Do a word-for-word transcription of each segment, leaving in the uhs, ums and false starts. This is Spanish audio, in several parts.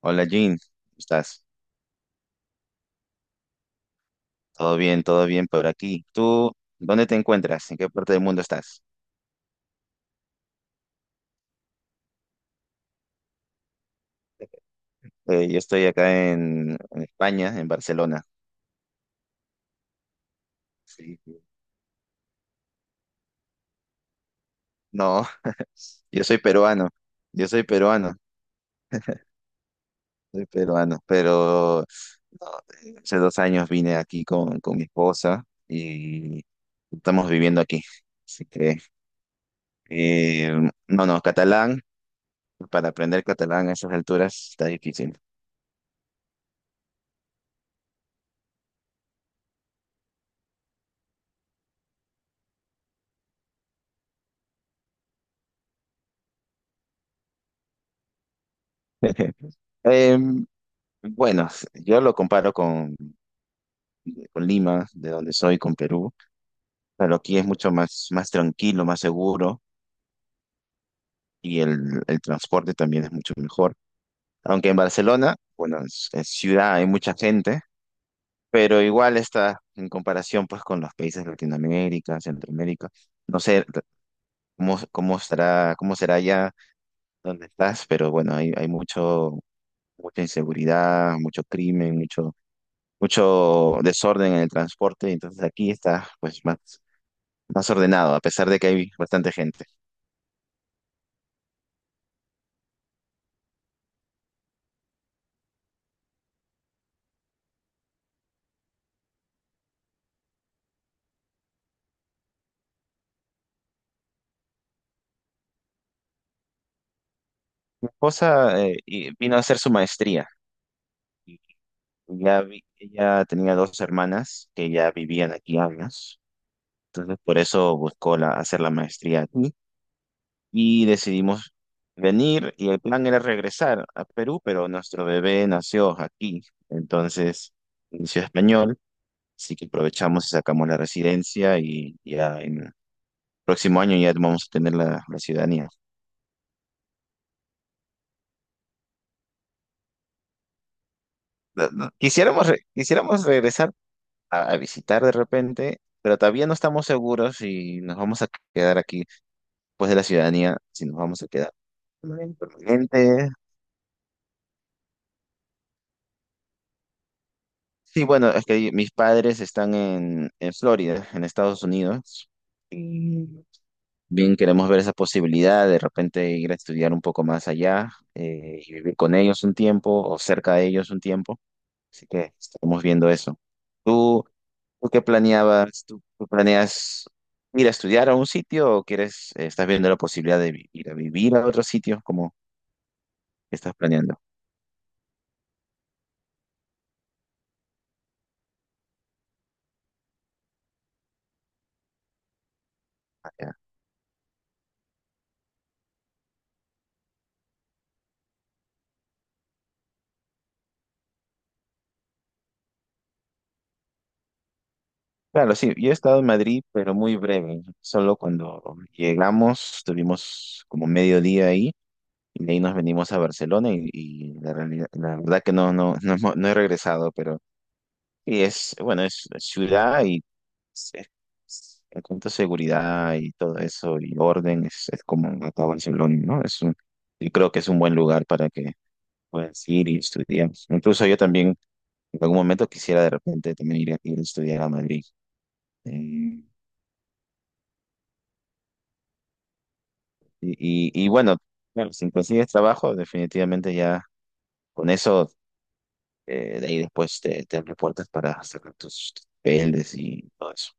Hola Jean, ¿cómo estás? Todo bien, todo bien por aquí. ¿Tú dónde te encuentras? ¿En qué parte del mundo estás? Eh, yo estoy acá en, en España, en Barcelona. Sí, sí. No, yo soy peruano, yo soy peruano, soy peruano, pero no, hace dos años vine aquí con, con mi esposa y estamos viviendo aquí. Así que, eh, no, no, catalán, para aprender catalán a esas alturas está difícil. Em, Bueno, yo lo comparo con, con Lima, de donde soy, con Perú, pero aquí es mucho más, más tranquilo, más seguro y el, el transporte también es mucho mejor. Aunque en Barcelona, bueno, es, es ciudad, hay mucha gente, pero igual está en comparación pues con los países de Latinoamérica, Centroamérica. No sé cómo, cómo estará, cómo será allá donde estás, pero bueno, hay, hay mucho, mucha inseguridad, mucho crimen, mucho mucho desorden en el transporte, entonces aquí está pues más más ordenado, a pesar de que hay bastante gente. Mi esposa eh, y- vino a hacer su maestría y ya vi- ella tenía dos hermanas que ya vivían aquí años, entonces por eso buscó la, hacer la maestría aquí y decidimos venir y el plan era regresar a Perú, pero nuestro bebé nació aquí, entonces inició español, así que aprovechamos y sacamos la residencia y ya en el próximo año ya vamos a tener la la ciudadanía. No, no, quisiéramos, re- quisiéramos regresar a, a visitar de repente, pero todavía no estamos seguros si nos vamos a quedar aquí después de la ciudadanía, si nos vamos a quedar permanente, permanente. Sí, bueno, es que mis padres están en, en Florida, en Estados Unidos. Y bien, queremos ver esa posibilidad de repente ir a estudiar un poco más allá, eh, y vivir con ellos un tiempo o cerca de ellos un tiempo. Así que estamos viendo eso. ¿Tú, ¿Tú qué planeabas? ¿Tú, tú planeas ir a estudiar a un sitio o quieres, eh, estás viendo la posibilidad de vi- ir a vivir a otro sitio? ¿Cómo estás planeando allá? Claro, sí, yo he estado en Madrid, pero muy breve. Solo cuando llegamos, estuvimos como medio día ahí y de ahí nos venimos a Barcelona y, y la realidad- la verdad que no, no, no, hemos- no he regresado, pero sí, es, bueno, es ciudad. Sí. En cuanto a seguridad y todo eso y orden, es, es como acá Barcelona, ¿no? Es un, yo creo que es un buen lugar para que puedas ir y estudiar. Incluso yo también en algún momento quisiera de repente también ir, a- ir a estudiar a Madrid. Eh, y, y, y bueno, claro, si consigues trabajo, definitivamente ya con eso, eh, de ahí después te, te abre puertas para sacar tus papeles y todo eso.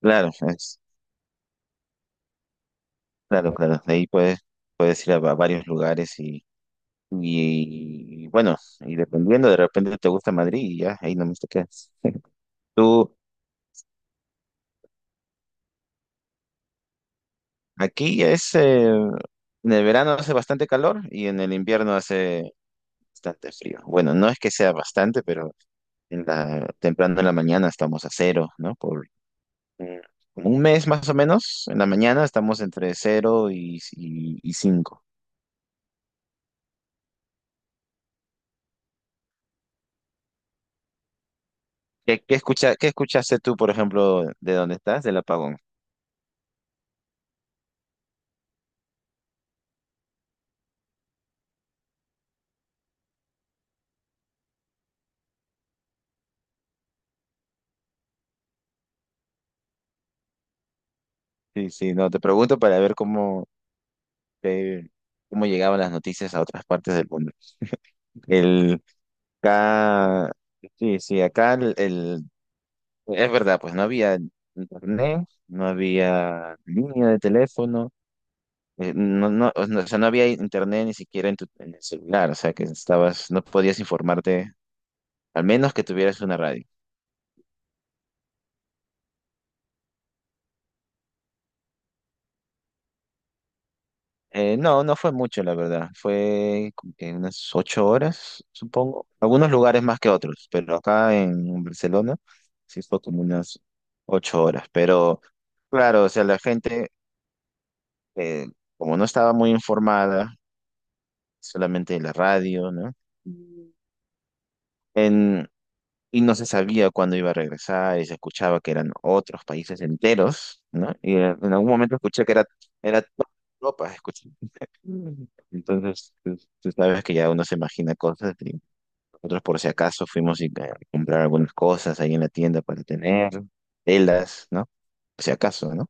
Claro, es, claro, claro, de ahí puedes, puedes ir a va- varios lugares. Y, bueno, y dependiendo, de repente te gusta Madrid y ya, ahí nomás te quedas. Tú, aquí es, eh, en el verano hace bastante calor y en el invierno hace bastante frío. Bueno, no es que sea bastante, pero en la, temprano en la mañana estamos a cero, ¿no? Por eh, como un mes más o menos, en la mañana estamos entre cero y, y, y cinco. ¿Qué, qué escucha, ¿qué escuchaste tú, por ejemplo, de dónde estás, del apagón? Sí, sí, no, te pregunto para ver cómo de cómo llegaban las noticias a otras partes del mundo. El, acá, sí, sí, acá el, el- es verdad, pues no había internet, no había línea de teléfono, eh, no, no, o no- o sea, no había internet ni siquiera en tu, en el celular, o sea, que estabas, no podías informarte, al menos que tuvieras una radio. Eh, no, no fue mucho, la verdad. Fue como que unas ocho horas, supongo. Algunos lugares más que otros, pero acá en Barcelona sí fue como unas ocho horas. Pero claro, o sea, la gente, eh, como no estaba muy informada, solamente en la radio, ¿no? Mm. En, y no se sabía cuándo iba a regresar, y se escuchaba que eran otros países enteros, ¿no? Y eh, en algún momento escuché que era, era toda Europa. Mm. Entonces, tú, tú sabes que ya uno se imagina cosas y nosotros por si acaso fuimos y, eh, a comprar algunas cosas ahí en la tienda para tener, telas, ¿no? Por si acaso, ¿no?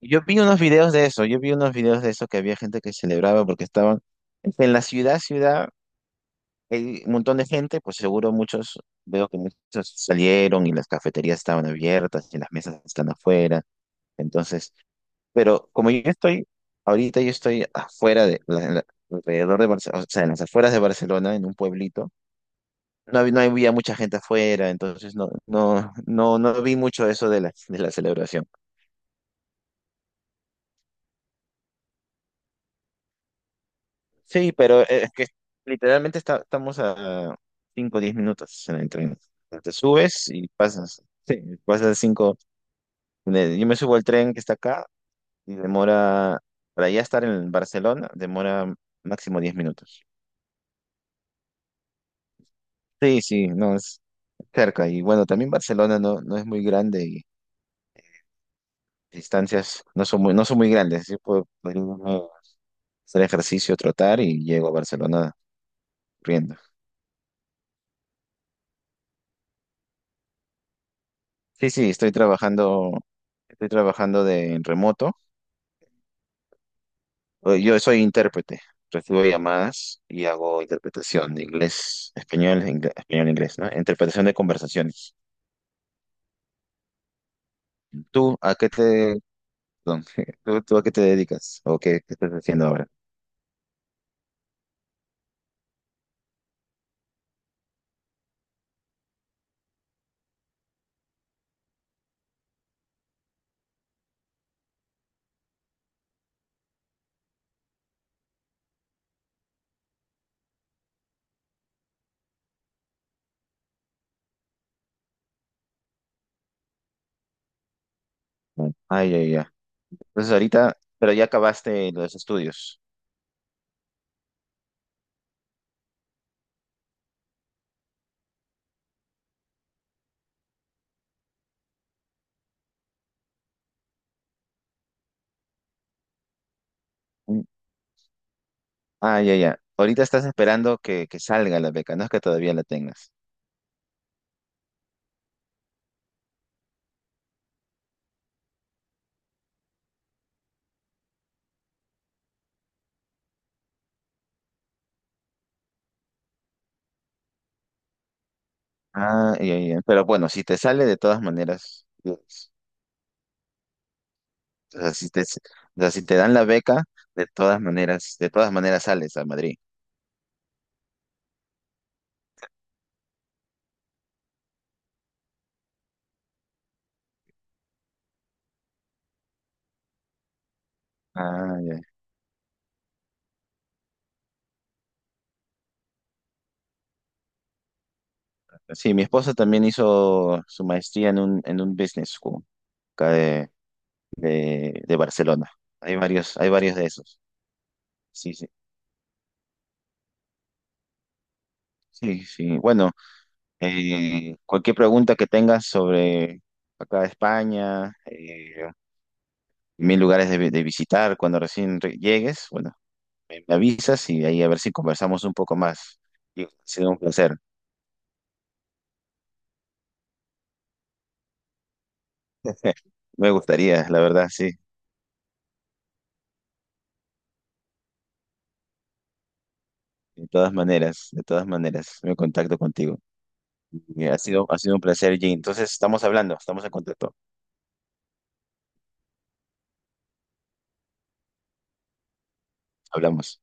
Y yo vi unos videos de eso, yo vi unos videos de eso que había gente que celebraba porque estaban en la ciudad, ciudad, hay un montón de gente, pues seguro muchos, veo que muchos salieron y las cafeterías estaban abiertas y las mesas están afuera. Entonces, pero como yo estoy, ahorita yo estoy afuera de, la- la- alrededor de Barcelona, o sea, en las afueras de Barcelona, en un pueblito. No, hab- no había mucha gente afuera, entonces no, no, no, no vi mucho eso de la, de la celebración. Sí, pero eh, es que literalmente está- estamos a cinco o diez minutos en el tren. Te subes y pasas, sí, pasas cinco, yo me subo al tren que está acá y demora, para ya estar en Barcelona, demora máximo diez minutos. Sí, sí, no, es cerca. Y bueno, también Barcelona no, no es muy grande y las distancias no son muy, no son muy grandes. Así puedo podría irme a hacer ejercicio, trotar y llego a Barcelona corriendo. Sí, sí, estoy trabajando, estoy trabajando de en remoto. Eh, Yo soy intérprete. Recibo llamadas y hago interpretación de inglés, español, ingle- español, inglés, ¿no? Interpretación de conversaciones. ¿Tú a qué te, perdón, ¿tú, tú a qué te dedicas? ¿O qué, qué estás haciendo ahora? Ay, ya, ya. Entonces ahorita, pero ya acabaste los estudios. Mm, ah, ya, ya. Ahorita estás esperando que, que salga la beca, no es que todavía la tengas. Ah, ya, ya. Pero bueno, si te sale de todas maneras, es- o sea, si te, o sea, si te dan la beca, de todas maneras, de todas maneras sales a Madrid. Ah, ya. Sí, mi esposa también hizo su maestría en un, en un business school acá de, de, de Barcelona. Hay varios, hay varios de esos. Sí, sí, sí, sí. Bueno, eh, cualquier pregunta que tengas sobre acá España, eh, mil lugares de, vi- de visitar cuando recién re- llegues. Bueno, me, me avisas y ahí a ver si conversamos un poco más. Y ha sido un placer. Me gustaría, la verdad, sí. De todas maneras, de todas maneras, me contacto contigo. Y ha sido, ha sido un placer, Jay. Entonces, estamos hablando, estamos en contacto. Hablamos.